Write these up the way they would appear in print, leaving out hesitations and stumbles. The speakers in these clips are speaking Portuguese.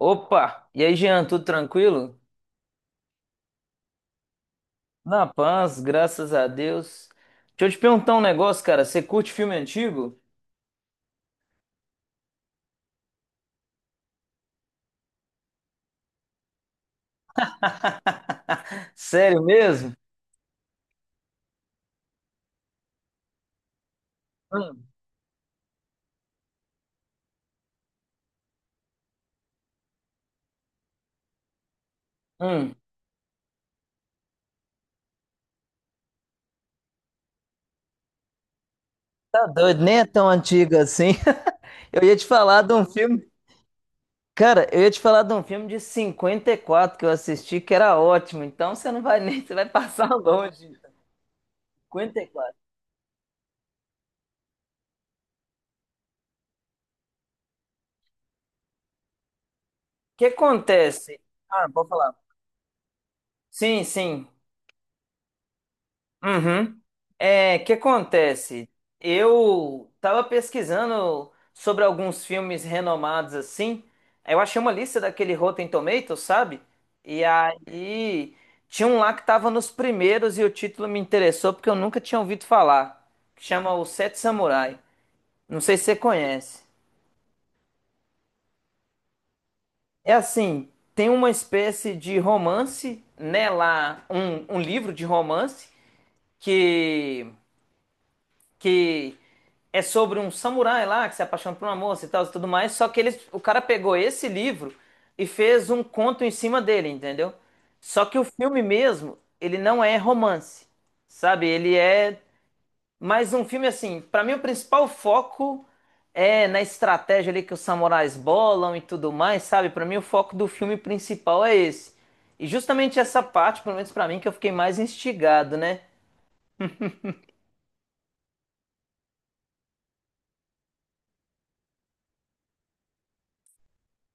Opa! E aí, Jean, tudo tranquilo? Na paz, graças a Deus. Deixa eu te perguntar um negócio, cara. Você curte filme antigo? Sério mesmo? Hum, hum. Tá doido, nem é tão antigo assim. Eu ia te falar de um filme. Cara, eu ia te falar de um filme de 54 que eu assisti, que era ótimo. Então você não vai nem, você vai passar longe. 54. O que acontece? Ah, pode falar. Sim, sim. Uhum. É, o que acontece? Eu tava pesquisando sobre alguns filmes renomados assim. Aí eu achei uma lista daquele Rotten Tomatoes, sabe? E aí tinha um lá que tava nos primeiros e o título me interessou porque eu nunca tinha ouvido falar. Que chama Os Sete Samurai. Não sei se você conhece. É assim, tem uma espécie de romance, né? Lá, um livro de romance que que é sobre um samurai lá que se apaixona por uma moça e tal e tudo mais. Só que eles, o cara pegou esse livro e fez um conto em cima dele, entendeu? Só que o filme mesmo, ele não é romance, sabe? Ele é mais um filme assim. Pra mim, o principal foco é na estratégia ali que os samurais bolam e tudo mais, sabe? Pra mim, o foco do filme principal é esse. E justamente essa parte, pelo menos pra mim, que eu fiquei mais instigado, né?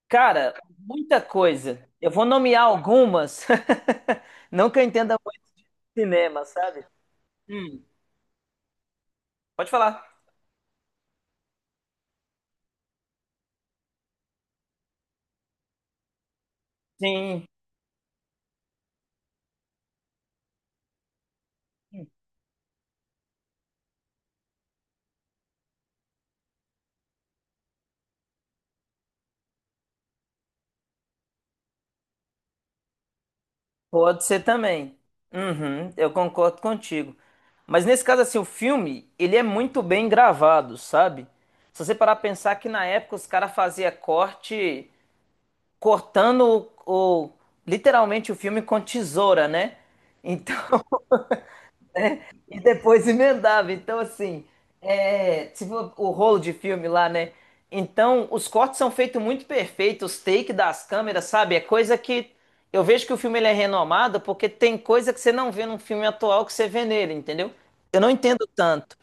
Cara, muita coisa. Eu vou nomear algumas. Não que eu entenda muito de cinema, sabe? Hum, pode falar. Sim, pode ser também. Uhum, eu concordo contigo. Mas nesse caso, assim, o filme, ele é muito bem gravado, sabe? Se você parar pra pensar que na época os caras faziam corte, cortando literalmente o filme com tesoura, né? Então, e depois emendava. Então, assim, é, se for o rolo de filme lá, né? Então, os cortes são feitos muito perfeitos, os takes das câmeras, sabe? É coisa que eu vejo que o filme ele é renomado porque tem coisa que você não vê num filme atual que você vê nele, entendeu? Eu não entendo tanto.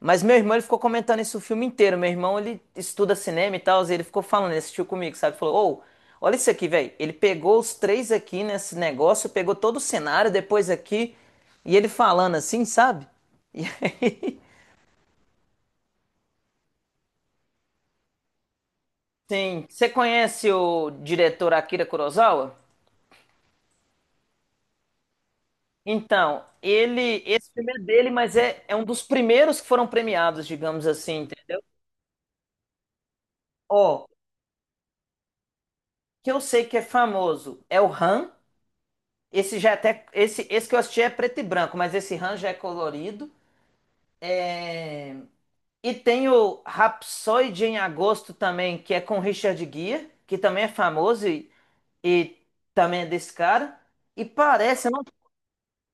Mas meu irmão, ele ficou comentando isso o filme inteiro. Meu irmão, ele estuda cinema e tal, e ele ficou falando, ele assistiu comigo, sabe? Falou, ô, olha isso aqui, velho. Ele pegou os três aqui nesse negócio, pegou todo o cenário, depois aqui, e ele falando assim, sabe? E aí, sim. Você conhece o diretor Akira Kurosawa? Então, ele, esse filme é dele, mas é um dos primeiros que foram premiados, digamos assim, entendeu? Ó, que eu sei que é famoso é o Han. Esse já é até. Esse que eu assisti é preto e branco, mas esse Han já é colorido. É, e tem o Rhapsody em Agosto também, que é com Richard Gere, que também é famoso e também é desse cara. E parece, eu não.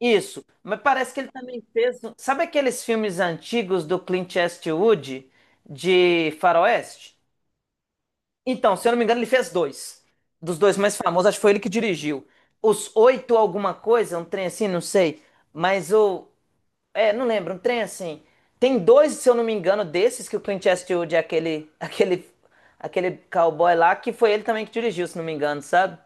Isso, mas parece que ele também fez. Um, sabe aqueles filmes antigos do Clint Eastwood de Faroeste? Então, se eu não me engano, ele fez dois. Dos dois mais famosos, acho que foi ele que dirigiu. Os oito alguma coisa, um trem assim, não sei. Mas o. É, não lembro, um trem assim. Tem dois, se eu não me engano, desses que o Clint Eastwood é aquele, aquele, aquele cowboy lá, que foi ele também que dirigiu, se não me engano, sabe?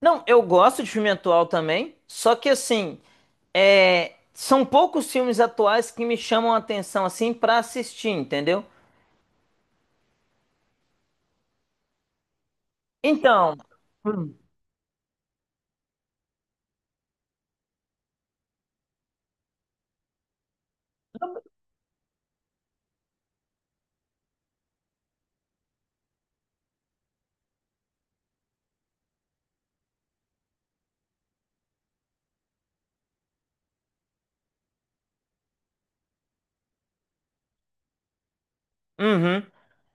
Não, eu gosto de filme atual também, só que assim, é, são poucos filmes atuais que me chamam a atenção assim pra assistir, entendeu? Então, uhum.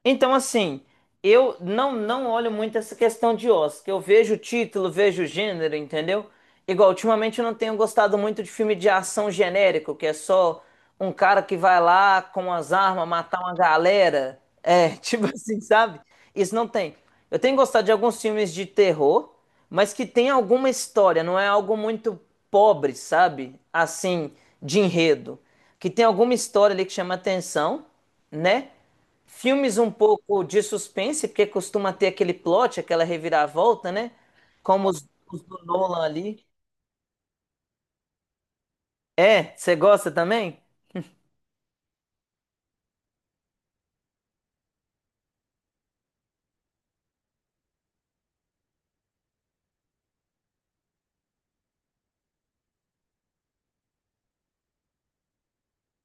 Então, assim, eu não olho muito essa questão de Oscar. Eu vejo o título, vejo o gênero, entendeu? Igual, ultimamente eu não tenho gostado muito de filme de ação genérico, que é só um cara que vai lá com as armas matar uma galera. É, tipo assim, sabe? Isso não tem. Eu tenho gostado de alguns filmes de terror, mas que tem alguma história, não é algo muito pobre, sabe? Assim, de enredo. Que tem alguma história ali que chama atenção, né? Filmes um pouco de suspense, porque costuma ter aquele plot, aquela reviravolta, né? Como os do Nolan ali. É, você gosta também?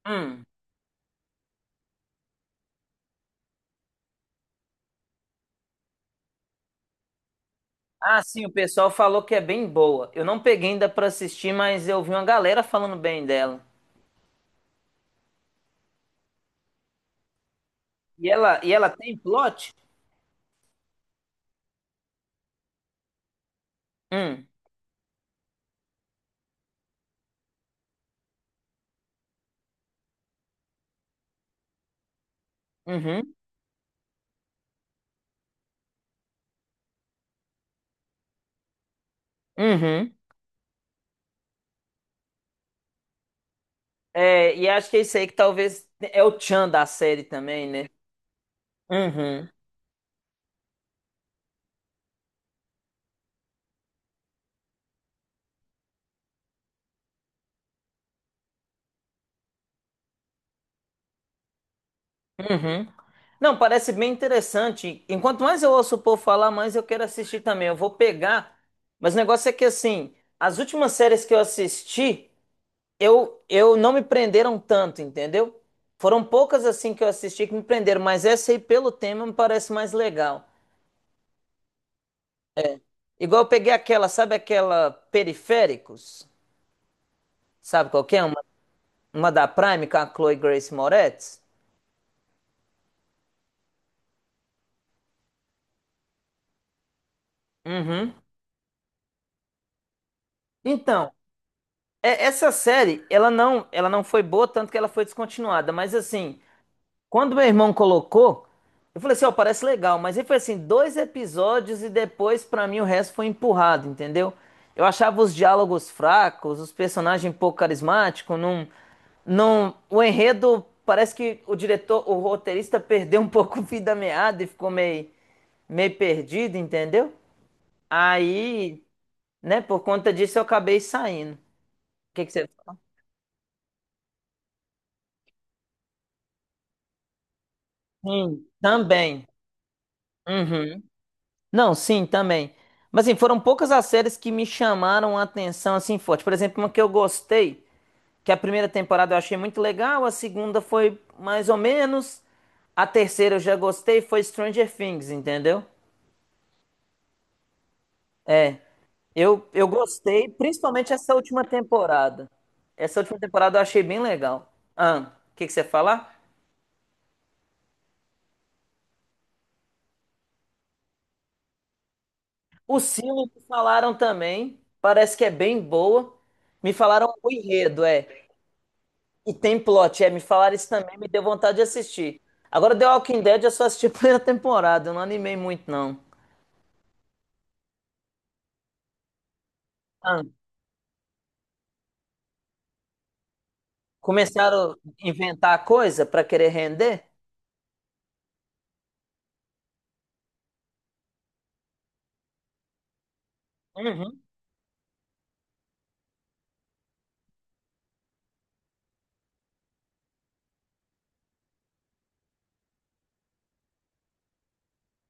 Hum. Ah, sim, o pessoal falou que é bem boa. Eu não peguei ainda pra assistir, mas eu vi uma galera falando bem dela. E ela tem plot? Hum. Uhum. Uhum. É, e acho que é isso aí que talvez é o tchan da série também, né? Uhum. Uhum. Não, parece bem interessante. Enquanto mais eu ouço o povo falar, mais eu quero assistir também. Eu vou pegar, mas o negócio é que assim, as últimas séries que eu assisti, eu não me prenderam tanto, entendeu? Foram poucas assim que eu assisti que me prenderam, mas essa aí pelo tema me parece mais legal. Igual eu peguei aquela, sabe aquela Periféricos? Sabe qual que é? Uma da Prime com a Chloe Grace Moretz? Uhum. Então, é, essa série, ela não foi boa, tanto que ela foi descontinuada. Mas assim, quando meu irmão colocou, eu falei assim, ó, parece legal. Mas ele foi assim, 2 episódios e depois, pra mim, o resto foi empurrado, entendeu? Eu achava os diálogos fracos, os personagens um pouco carismáticos, não, não, o enredo parece que o diretor, o roteirista perdeu um pouco o fio da meada e ficou meio, meio perdido, entendeu? Aí, né, por conta disso eu acabei saindo. O que que você sim, também. Uhum. Não, sim, também. Mas assim, foram poucas as séries que me chamaram a atenção assim forte. Por exemplo, uma que eu gostei, que é a primeira temporada eu achei muito legal, a segunda foi mais ou menos, a terceira eu já gostei, foi Stranger Things, entendeu? É, eu gostei, principalmente essa última temporada. Essa última temporada eu achei bem legal. Ah, o que que você ia falar? O Silo me falaram também, parece que é bem boa. Me falaram o enredo, é. E tem plot, é, me falaram isso também, me deu vontade de assistir. Agora, The Walking Dead eu só assisti a primeira temporada, eu não animei muito, não. Ah, começaram a inventar coisa pra querer render? Uhum.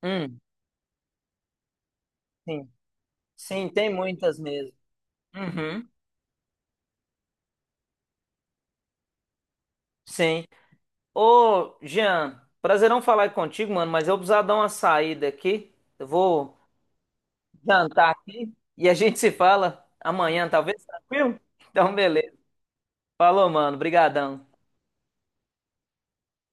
Hum, sim. Sim, tem muitas mesmo. Uhum. Sim. Ô, Jean, prazerão falar contigo, mano, mas eu precisava dar uma saída aqui. Eu vou jantar aqui e a gente se fala amanhã, talvez, tranquilo? Então, beleza. Falou, mano. Brigadão.